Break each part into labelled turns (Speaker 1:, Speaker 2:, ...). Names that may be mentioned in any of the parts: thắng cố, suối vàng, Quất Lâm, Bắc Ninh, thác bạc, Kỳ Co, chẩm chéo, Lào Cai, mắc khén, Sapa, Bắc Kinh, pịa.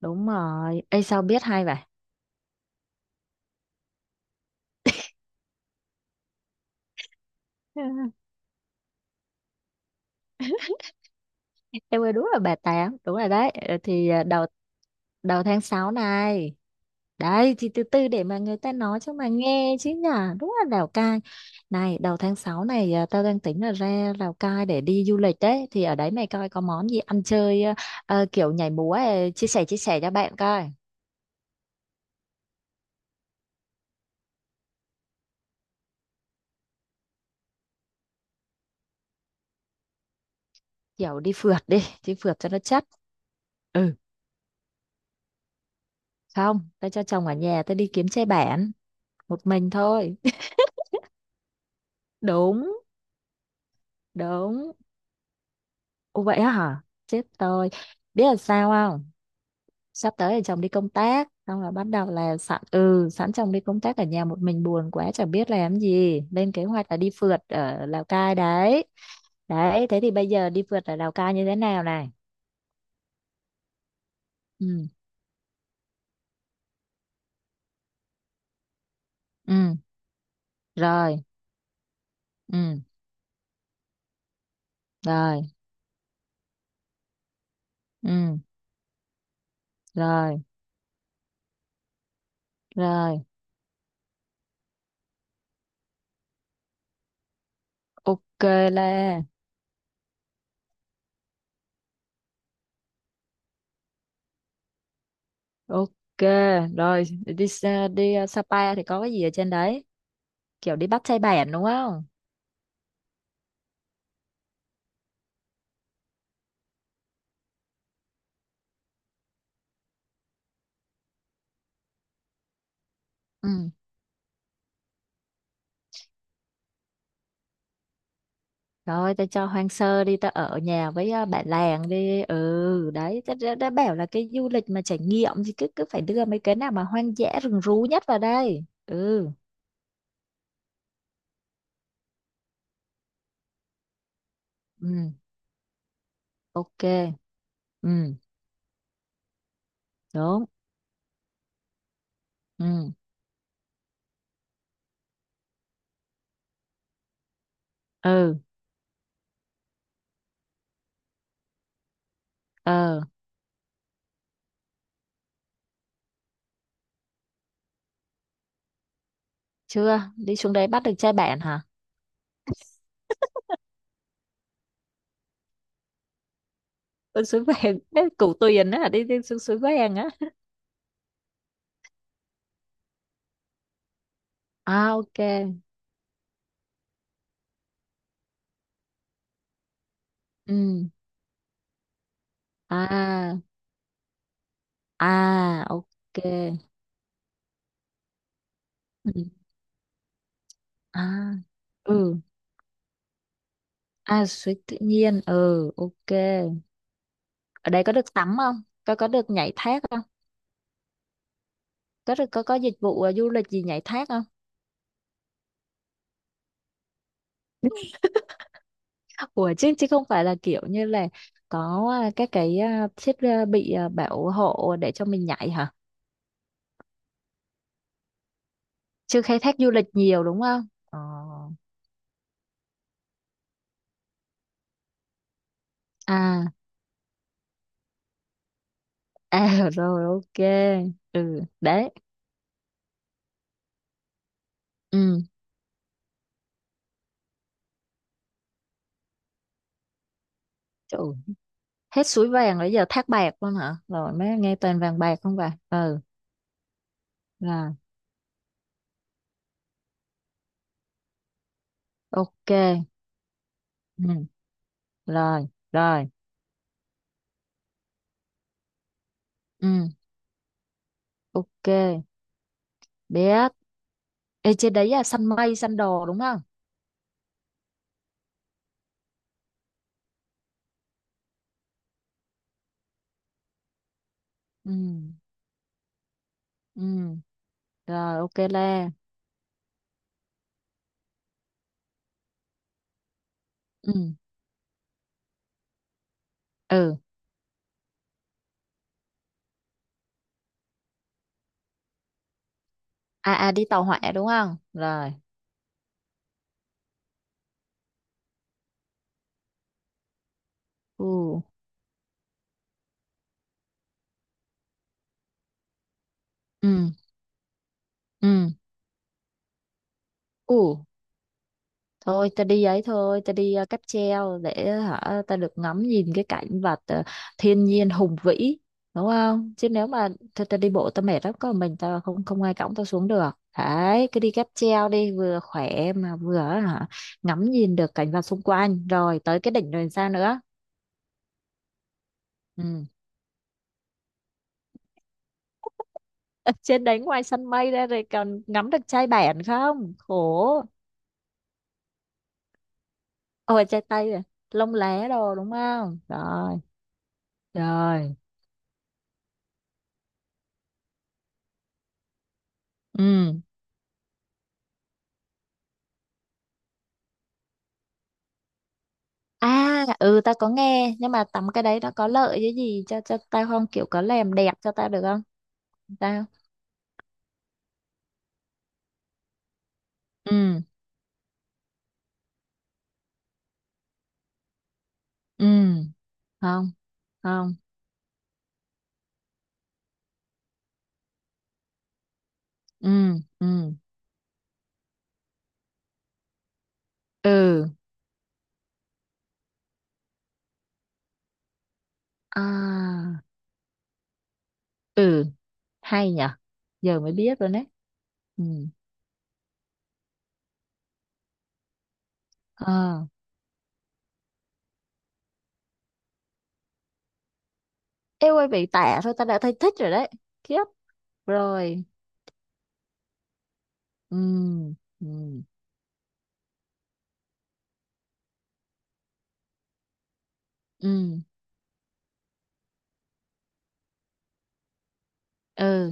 Speaker 1: Đúng rồi. Ê, sao biết hay vậy? Em ơi, đúng là bà tám đúng rồi đấy. Ờ, thì à, đầu đầu tháng 6 này. Đấy thì từ từ để mà người ta nói cho mà nghe chứ nhở. Đúng là Lào Cai này, đầu tháng 6 này, tao đang tính là ra Lào Cai để đi du lịch. Đấy thì ở đấy mày coi có món gì ăn chơi, kiểu nhảy múa, chia sẻ cho bạn coi. Kiểu đi phượt đi, đi phượt cho nó chất. Ừ, không, tao cho chồng ở nhà, tao đi kiếm xe bản một mình thôi. Đúng. Đúng. Ồ vậy á hả? Chết tôi. Biết là sao không? Sắp tới là chồng đi công tác. Xong là bắt đầu là sẵn sẵn chồng đi công tác ở nhà một mình buồn quá chẳng biết làm gì. Lên kế hoạch là đi phượt ở Lào Cai đấy. Đấy, thế thì bây giờ đi phượt ở Lào Cai như thế nào này? Ừ, ừ, rồi, ừ, rồi, ừ, rồi, rồi. Ok là, ok. Rồi, đi Sapa thì có cái gì ở trên đấy? Kiểu đi bắt xe bẻn đúng không? Ừ. Rồi tao cho hoang sơ đi, tao ở nhà với bạn làng đi. Ừ, đấy tao đã bảo là cái du lịch mà trải nghiệm thì cứ cứ phải đưa mấy cái nào mà hoang dã rừng rú nhất vào đây. Ừ. Ừ, ok. Ừ. Đúng. Ừ. Ừ. Ờ. Chưa, đi xuống đấy bắt được trai bạn hả? Con suối vàng cái củ tuyền á, đi, đi xuống suối vàng á. À, ok. Ừ. À. À, ok. Ừ. À. Ừ. À suối tự nhiên, ừ, ok. Ở đây có được tắm không? Có, có được nhảy thác không? Có được, có dịch vụ du lịch gì nhảy thác không? Ủa, chứ chứ không phải là kiểu như là có các cái thiết bị bảo hộ để cho mình nhảy hả? Chưa khai thác du lịch nhiều đúng không? Ờ. À. À. Rồi, ok. Ừ đấy. Ừ. Trời, hết suối vàng rồi giờ thác bạc luôn hả? Rồi mới nghe toàn vàng bạc không vậy. Ừ. Rồi, ok. Ừ. Rồi rồi. Ừ. Ok. Biết. Ê, trên đấy là săn mây, săn đồ đúng không? Ừ, ừ, rồi, ok Lê. Ừ, ừ. À, à, đi tàu hỏa đúng không? Rồi, ừ, ừ, ừ, ừ. Thôi ta đi ấy thôi, ta đi cáp treo để hả ta được ngắm nhìn cái cảnh vật thiên nhiên hùng vĩ, đúng không? Chứ nếu mà ta đi bộ ta mệt lắm, có một mình ta, không không ai cõng ta xuống được. Đấy, cứ đi cáp treo đi, vừa khỏe mà vừa hả ngắm nhìn được cảnh vật xung quanh. Rồi tới cái đỉnh rồi sao nữa? Ừ. Ở trên đấy ngoài săn mây ra rồi còn ngắm được chai bản không khổ? Ôi, chai tây rồi, lông lá đồ đúng không? Rồi. Rồi. Ừ. À. Ừ, tao có nghe nhưng mà tắm cái đấy nó có lợi cái gì cho tao không, kiểu có làm đẹp cho tao được không? Tao. Ừ. Ừ. Không. Không. Ừ. Ừ. Ừ. À. Ừ. Hay nhở, giờ mới biết rồi đấy. Ừ. Ờ. Ê ơi, bị tạ thôi ta đã thấy thích rồi đấy. Khiếp. Rồi. Ừ. Ừ. Ừ. Ừ.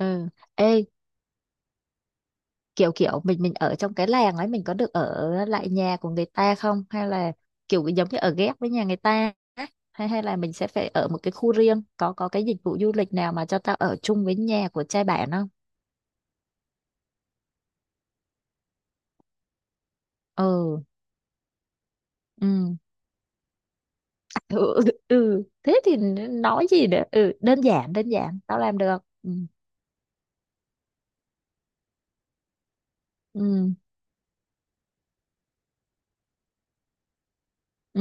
Speaker 1: Ừ. Ê, kiểu kiểu mình ở trong cái làng ấy, mình có được ở lại nhà của người ta không, hay là kiểu giống như ở ghép với nhà người ta á? Hay hay là mình sẽ phải ở một cái khu riêng, có cái dịch vụ du lịch nào mà cho tao ở chung với nhà của trai bạn không? Ừ. Ừ. Ừ, ừ. Thế thì nói gì nữa, ừ đơn giản, đơn giản tao làm được. Ừ. Ừ. Ừ.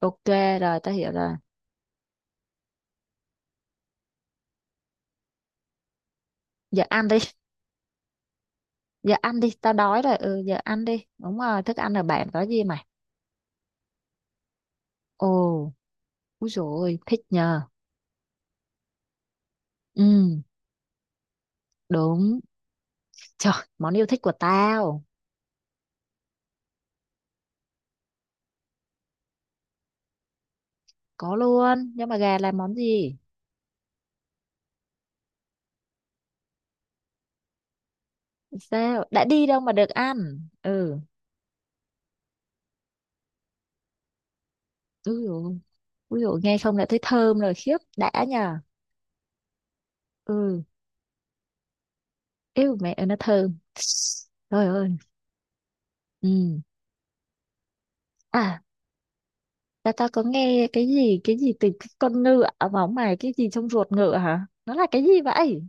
Speaker 1: Ok, rồi tao hiểu rồi. Giờ ăn đi. Giờ ăn đi, tao đói rồi. Ừ, giờ ăn đi. Đúng rồi, thức ăn ở bản có gì mày? Ồ. Úi dồi thích nhờ. Ừ. Đúng. Trời, món yêu thích của tao. Có luôn, nhưng mà gà làm món gì? Sao đã đi đâu mà được ăn. Ừ. Úi dồi. Úi dồi, nghe không đã thấy thơm rồi, khiếp đã nhờ. Ừ. Yêu, mẹ ơi nó thơm. Trời ơi. Ừ. À. ta ta có nghe cái gì từ cái con ngựa mà ông mày, cái gì trong ruột ngựa hả? Nó là cái gì vậy?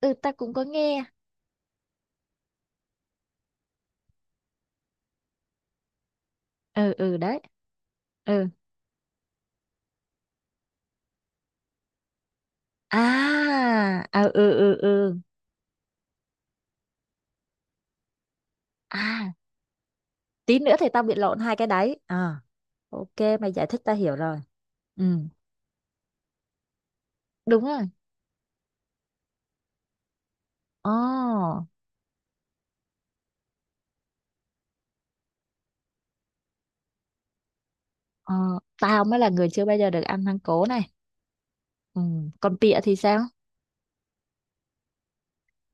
Speaker 1: Ừ, ta cũng có nghe. Ừ. Ừ đấy. Ừ. À. À. Ừ. Ừ. Ừ. À. Tí nữa thì tao bị lộn hai cái đấy à. Ok, mày giải thích tao hiểu rồi. Ừ. Đúng rồi. Ồ. Ờ, tao mới là người chưa bao giờ được ăn thắng cố này. Ừ. Còn pịa thì sao?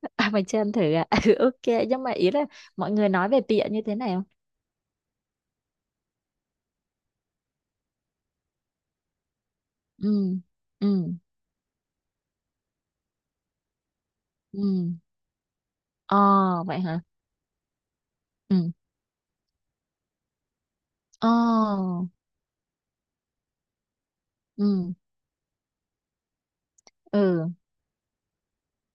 Speaker 1: À, mày chưa ăn thử à? Ừ, ok, nhưng mà ý là mọi người nói về pịa như thế này không? Ừ. Ừ. Ừ. Ờ. Vậy hả? Ừ. Ờ. Ừ. Ừ.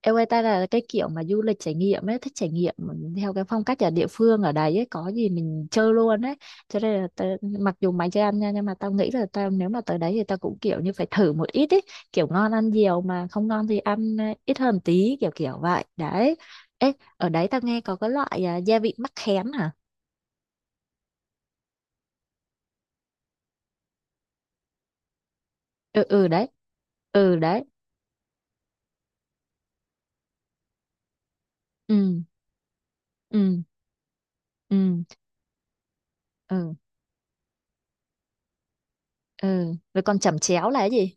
Speaker 1: Em ơi, ta là cái kiểu mà du lịch trải nghiệm ấy, thích trải nghiệm theo cái phong cách ở địa phương ở đấy ấy, có gì mình chơi luôn ấy. Cho nên là ta, mặc dù mày chưa ăn nha, nhưng mà tao nghĩ là tao nếu mà tới đấy thì tao cũng kiểu như phải thử một ít ấy, kiểu ngon ăn nhiều mà không ngon thì ăn ít hơn tí, kiểu kiểu vậy. Đấy. Ê, ở đấy tao nghe có cái loại gia vị mắc khén hả? Ừ, ừ đấy. Ừ đấy. Ừ, ừ, ừ, ừ, ừ. Rồi còn chẩm chéo là cái gì?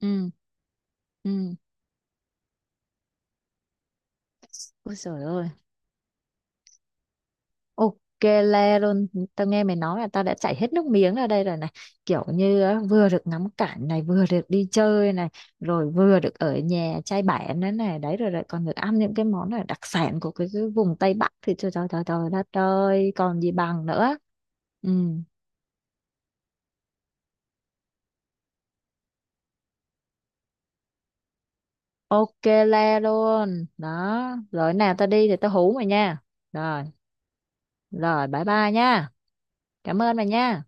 Speaker 1: Ừ, ừ. Ôi trời ơi. Ok le luôn, tao nghe mày nói là tao đã chảy hết nước miếng ra đây rồi này. Kiểu như á, vừa được ngắm cảnh này, vừa được đi chơi này, rồi vừa được ở nhà chai bản nữa này, đấy rồi lại còn được ăn những cái món là đặc sản của cái vùng Tây Bắc, thì trời trời trời trời đất ơi, còn gì bằng nữa. Ừ, ok le luôn. Đó, rồi nào tao đi thì tao hú mày nha. Rồi, rồi bye bye nha. Cảm ơn mày nha.